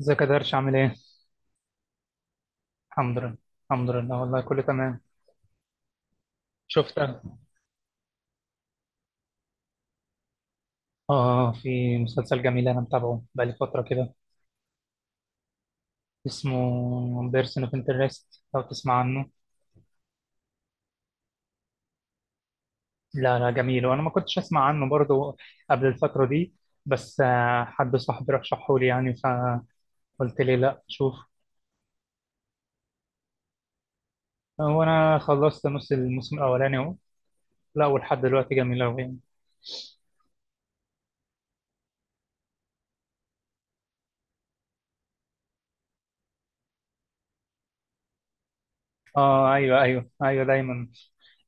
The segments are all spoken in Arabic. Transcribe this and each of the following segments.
ازيك يا درش عامل ايه؟ الحمد لله. الحمد لله والله كله تمام. شفتها. اه، في مسلسل جميل انا متابعه بقالي فترة كده. اسمه بيرسون اوف انترست لو تسمع عنه. لا، لا، جميل، وانا ما كنتش اسمع عنه برضو قبل الفترة دي. بس حد صاحبي رشحه لي، يعني فقلت لي لا شوف. وانا خلصت نص الموسم الاولاني اهو. لا، ولحد دلوقتي جميل اوي يعني. اه، ايوه، ايوه، ايوه، دايما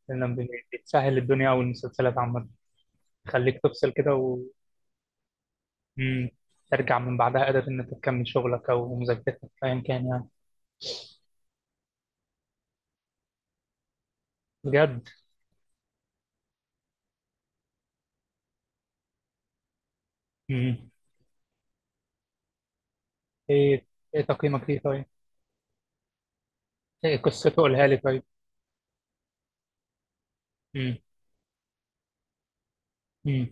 لما بتسهل الدنيا، والمسلسلات عامة تخليك تفصل كده. مم. ترجع من بعدها قادر إن أنت تكمل شغلك أو مذاكرتك أيا كان يعني. بجد. مم. إيه إيه تقييمك ليه طيب؟ إيه قصته قولها لي طيب؟ مم. مم.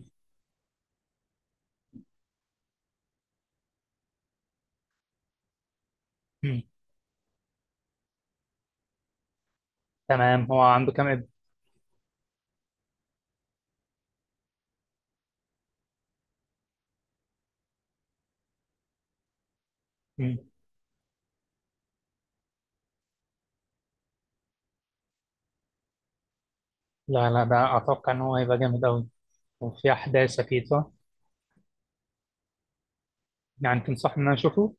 مم. تمام، هو عنده كام ابن؟ مم. لا، لا، ده أتوقع إن هو هيبقى جامد أوي، وفي أحداث أكيد صح؟ يعني تنصحني إن أنا أشوفه؟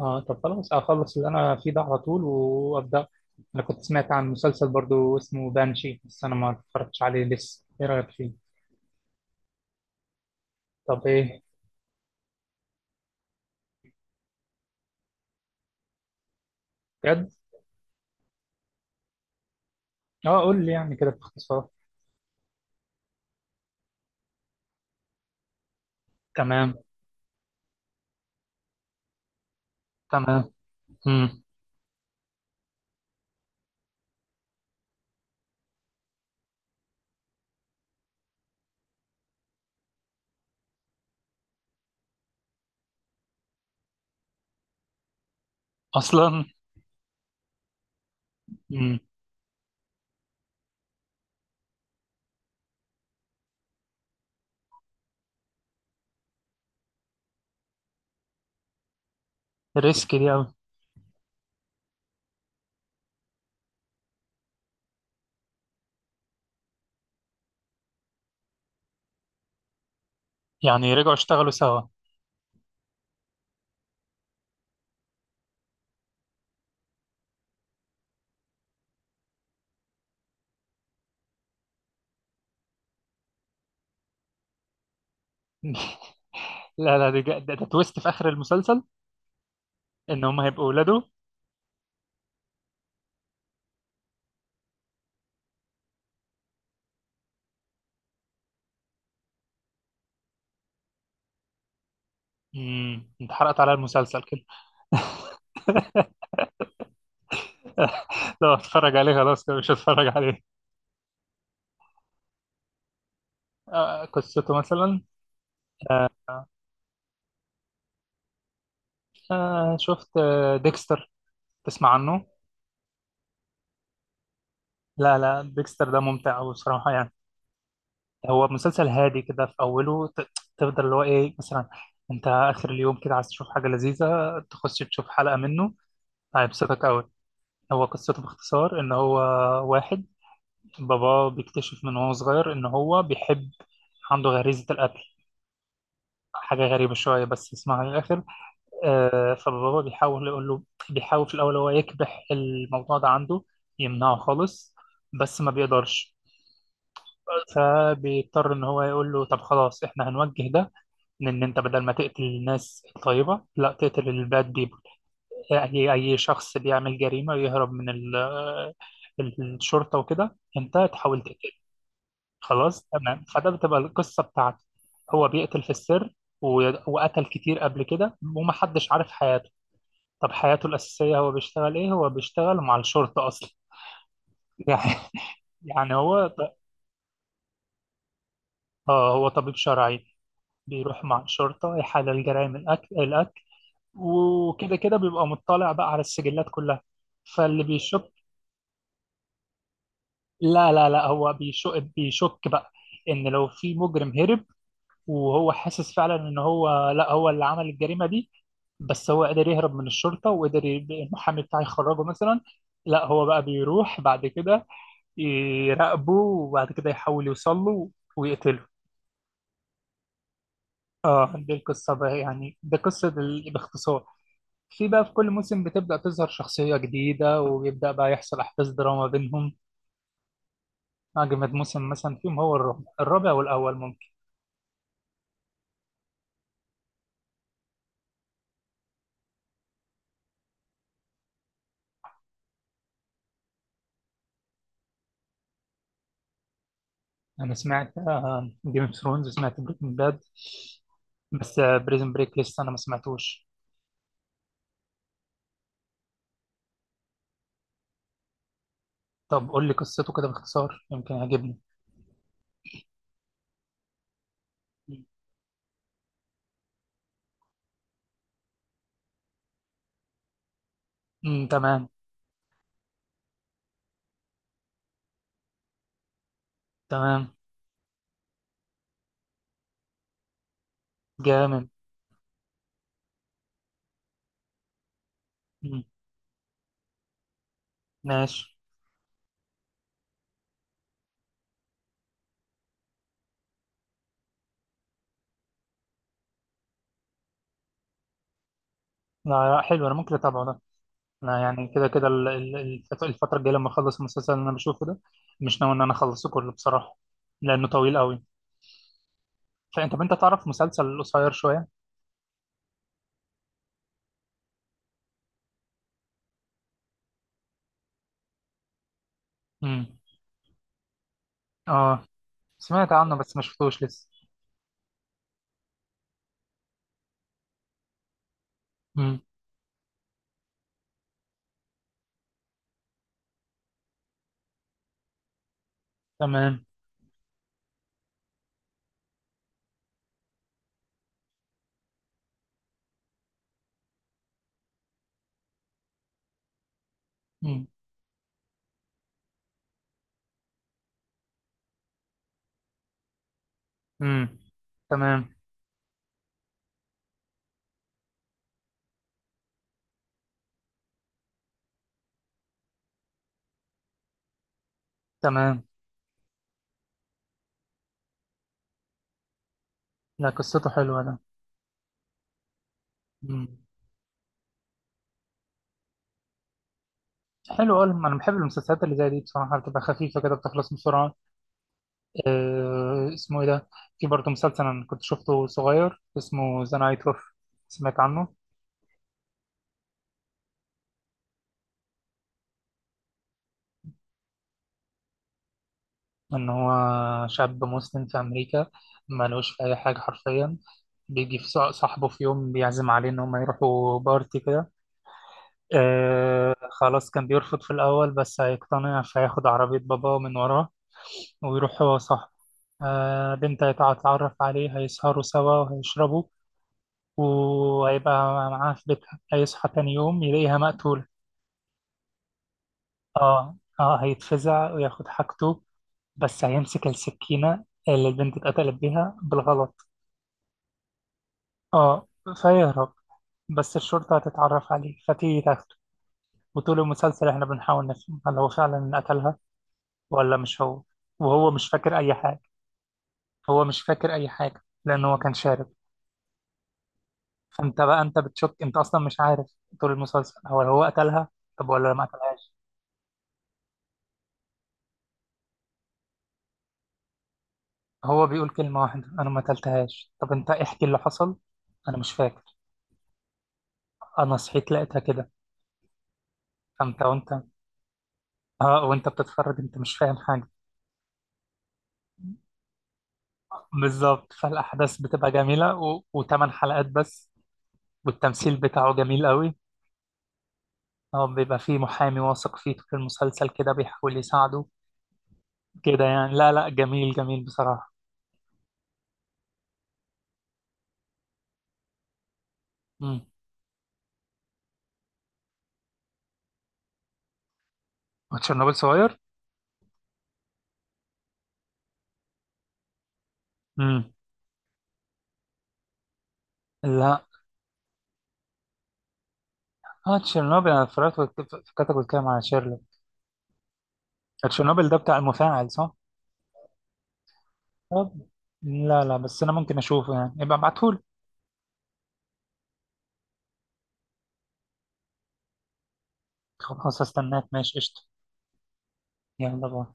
آه، طب خلاص أخلص اللي أنا فيه ده على طول وأبدأ. أنا كنت سمعت عن مسلسل برضو اسمه بانشي، بس أنا ما اتفرجتش عليه لسه، إيه رأيك فيه؟ طب إيه؟ بجد؟ آه، قول لي يعني كده باختصار. تمام. تمام. امم. اصلا. امم. ريسك دي قوي. يعني رجعوا اشتغلوا سوا. لا، لا، دي جا- ده, ده تويست في اخر المسلسل، ان هم هيبقوا اولاده. امم، انت حرقت على المسلسل كده. لو اتفرج عليه خلاص كده مش هتفرج عليه. آه، قصته مثلا. آه. آه، شفت ديكستر، تسمع عنه. لا، لا، ديكستر ده ممتع أوي بصراحة يعني. هو مسلسل هادي كده في أوله تفضل اللي هو إيه مثلا. أنت آخر اليوم كده عايز تشوف حاجة لذيذة، تخش تشوف حلقة منه، هيبسطك أوي. هو قصته باختصار إن هو واحد، باباه بيكتشف من وهو صغير إن هو بيحب، عنده غريزة القتل، حاجة غريبة شوية بس اسمها للآخر. آه، فباباه بيحاول يقول له، بيحاول في الأول هو يكبح الموضوع ده عنده، يمنعه خالص، بس ما بيقدرش. فبيضطر إن هو يقول له طب خلاص، إحنا هنوجه ده، لأن أنت بدل ما تقتل الناس الطيبة، لا تقتل الباد بيبل، أي شخص بيعمل جريمة ويهرب من الشرطة وكده أنت تحاول تقتله. خلاص تمام، فده بتبقى القصة بتاعته. هو بيقتل في السر، وقتل كتير قبل كده، ومحدش عارف حياته. طب حياته الأساسية هو بيشتغل إيه؟ هو بيشتغل مع الشرطة أصلا، يعني، يعني هو آه، هو طبيب شرعي بيروح مع الشرطة يحلل جرائم الأكل الأكل، وكده كده بيبقى مطلع بقى على السجلات كلها، فاللي بيشك، لا، لا، لا، هو بيشك بيشك بقى ان لو في مجرم هرب، وهو حاسس فعلا ان هو لا هو اللي عمل الجريمه دي، بس هو قدر يهرب من الشرطه، وقدر المحامي بتاعه يخرجه مثلا. لا، هو بقى بيروح بعد كده يراقبه، وبعد كده يحاول يوصل له ويقتله. اه، دي القصه بقى، يعني دي قصه باختصار. في بقى في كل موسم بتبدا تظهر شخصيه جديده، ويبدا بقى يحصل احداث دراما بينهم. اجمد موسم مثلا فيهم هو الرابع، الرابع والاول. انا سمعت، جيم اوف ثرونز سمعت، بريكنج باد، بس بريزن بريك لسه انا ما سمعتوش. طب قول لي قصته كده باختصار يمكن يعجبني. امم. تمام. تمام. جامد. مم. ماشي. لا، لا، حلو، انا ممكن اتابعه ده. انا يعني كده كده الفتره الجايه لما اخلص المسلسل اللي انا بشوفه ده، مش ناوي ان انا اخلصه كله بصراحه، لانه طويل قوي. طب انت تعرف مسلسل قصير شويه. امم. اه، سمعت عنه بس ما شفتوش لسه. امم. تمام. امم. امم. تمام. تمام. لا، قصته حلوة ده. مم. حلو أوي، أنا بحب المسلسلات اللي زي دي بصراحة، بتبقى خفيفة كده بتخلص بسرعة. آه، اسمه إيه ده؟ في برضه مسلسل أنا كنت شفته صغير اسمه ذا نايت أوف، سمعت عنه. إن هو شاب مسلم في أمريكا، ملوش في أي حاجة حرفيا، بيجي في صاحبه في يوم بيعزم عليه إن هما يروحوا بارتي كده. آه، خلاص كان بيرفض في الأول بس هيقتنع فياخد عربية باباه من وراه، ويروح هو صاحبه. آه، بنت هيتعرف عليه، هيسهروا سوا وهيشربوا، وهيبقى معاها في بيتها، هيصحى تاني يوم يلاقيها مقتولة. اه، اه، هيتفزع وياخد حاجته، بس هيمسك السكينة اللي البنت اتقتلت بيها بالغلط. اه، فيهرب، بس الشرطة هتتعرف عليه فتيجي تاخده، وطول المسلسل احنا بنحاول نفهم هل هو فعلا اللي قتلها ولا مش هو. وهو مش فاكر أي حاجة، هو مش فاكر أي حاجة لأن هو كان شارب. انت بقى انت بتشك، انت اصلا مش عارف طول المسلسل هو قتلها طب، ولا ما قتلهاش. هو بيقول كلمة واحدة، انا ما قتلتهاش، طب انت احكي اللي حصل، انا مش فاكر، انا صحيت لقيتها كده. فانت، وانت، اه، وانت بتتفرج انت مش فاهم حاجة. بالظبط، فالاحداث بتبقى جميلة، و... و8 حلقات بس، والتمثيل بتاعه جميل قوي. هو بيبقى فيه محامي واثق فيه طول المسلسل كده بيحاول يساعده. كده يعني، لا، لا، جميل، جميل بصراحة. امم. وتشيرنوبل صغير. امم. لا. اه، تشيرنوبل انا اتفرجت فكرتك بتتكلم على شيرلوك. تشيرنوبل ده بتاع المفاعل صح؟ طب لا، لا، بس انا ممكن اشوفه يعني يبقى ابعتهولي. خلاص هستناك، ماشي قشطة. يلا باي.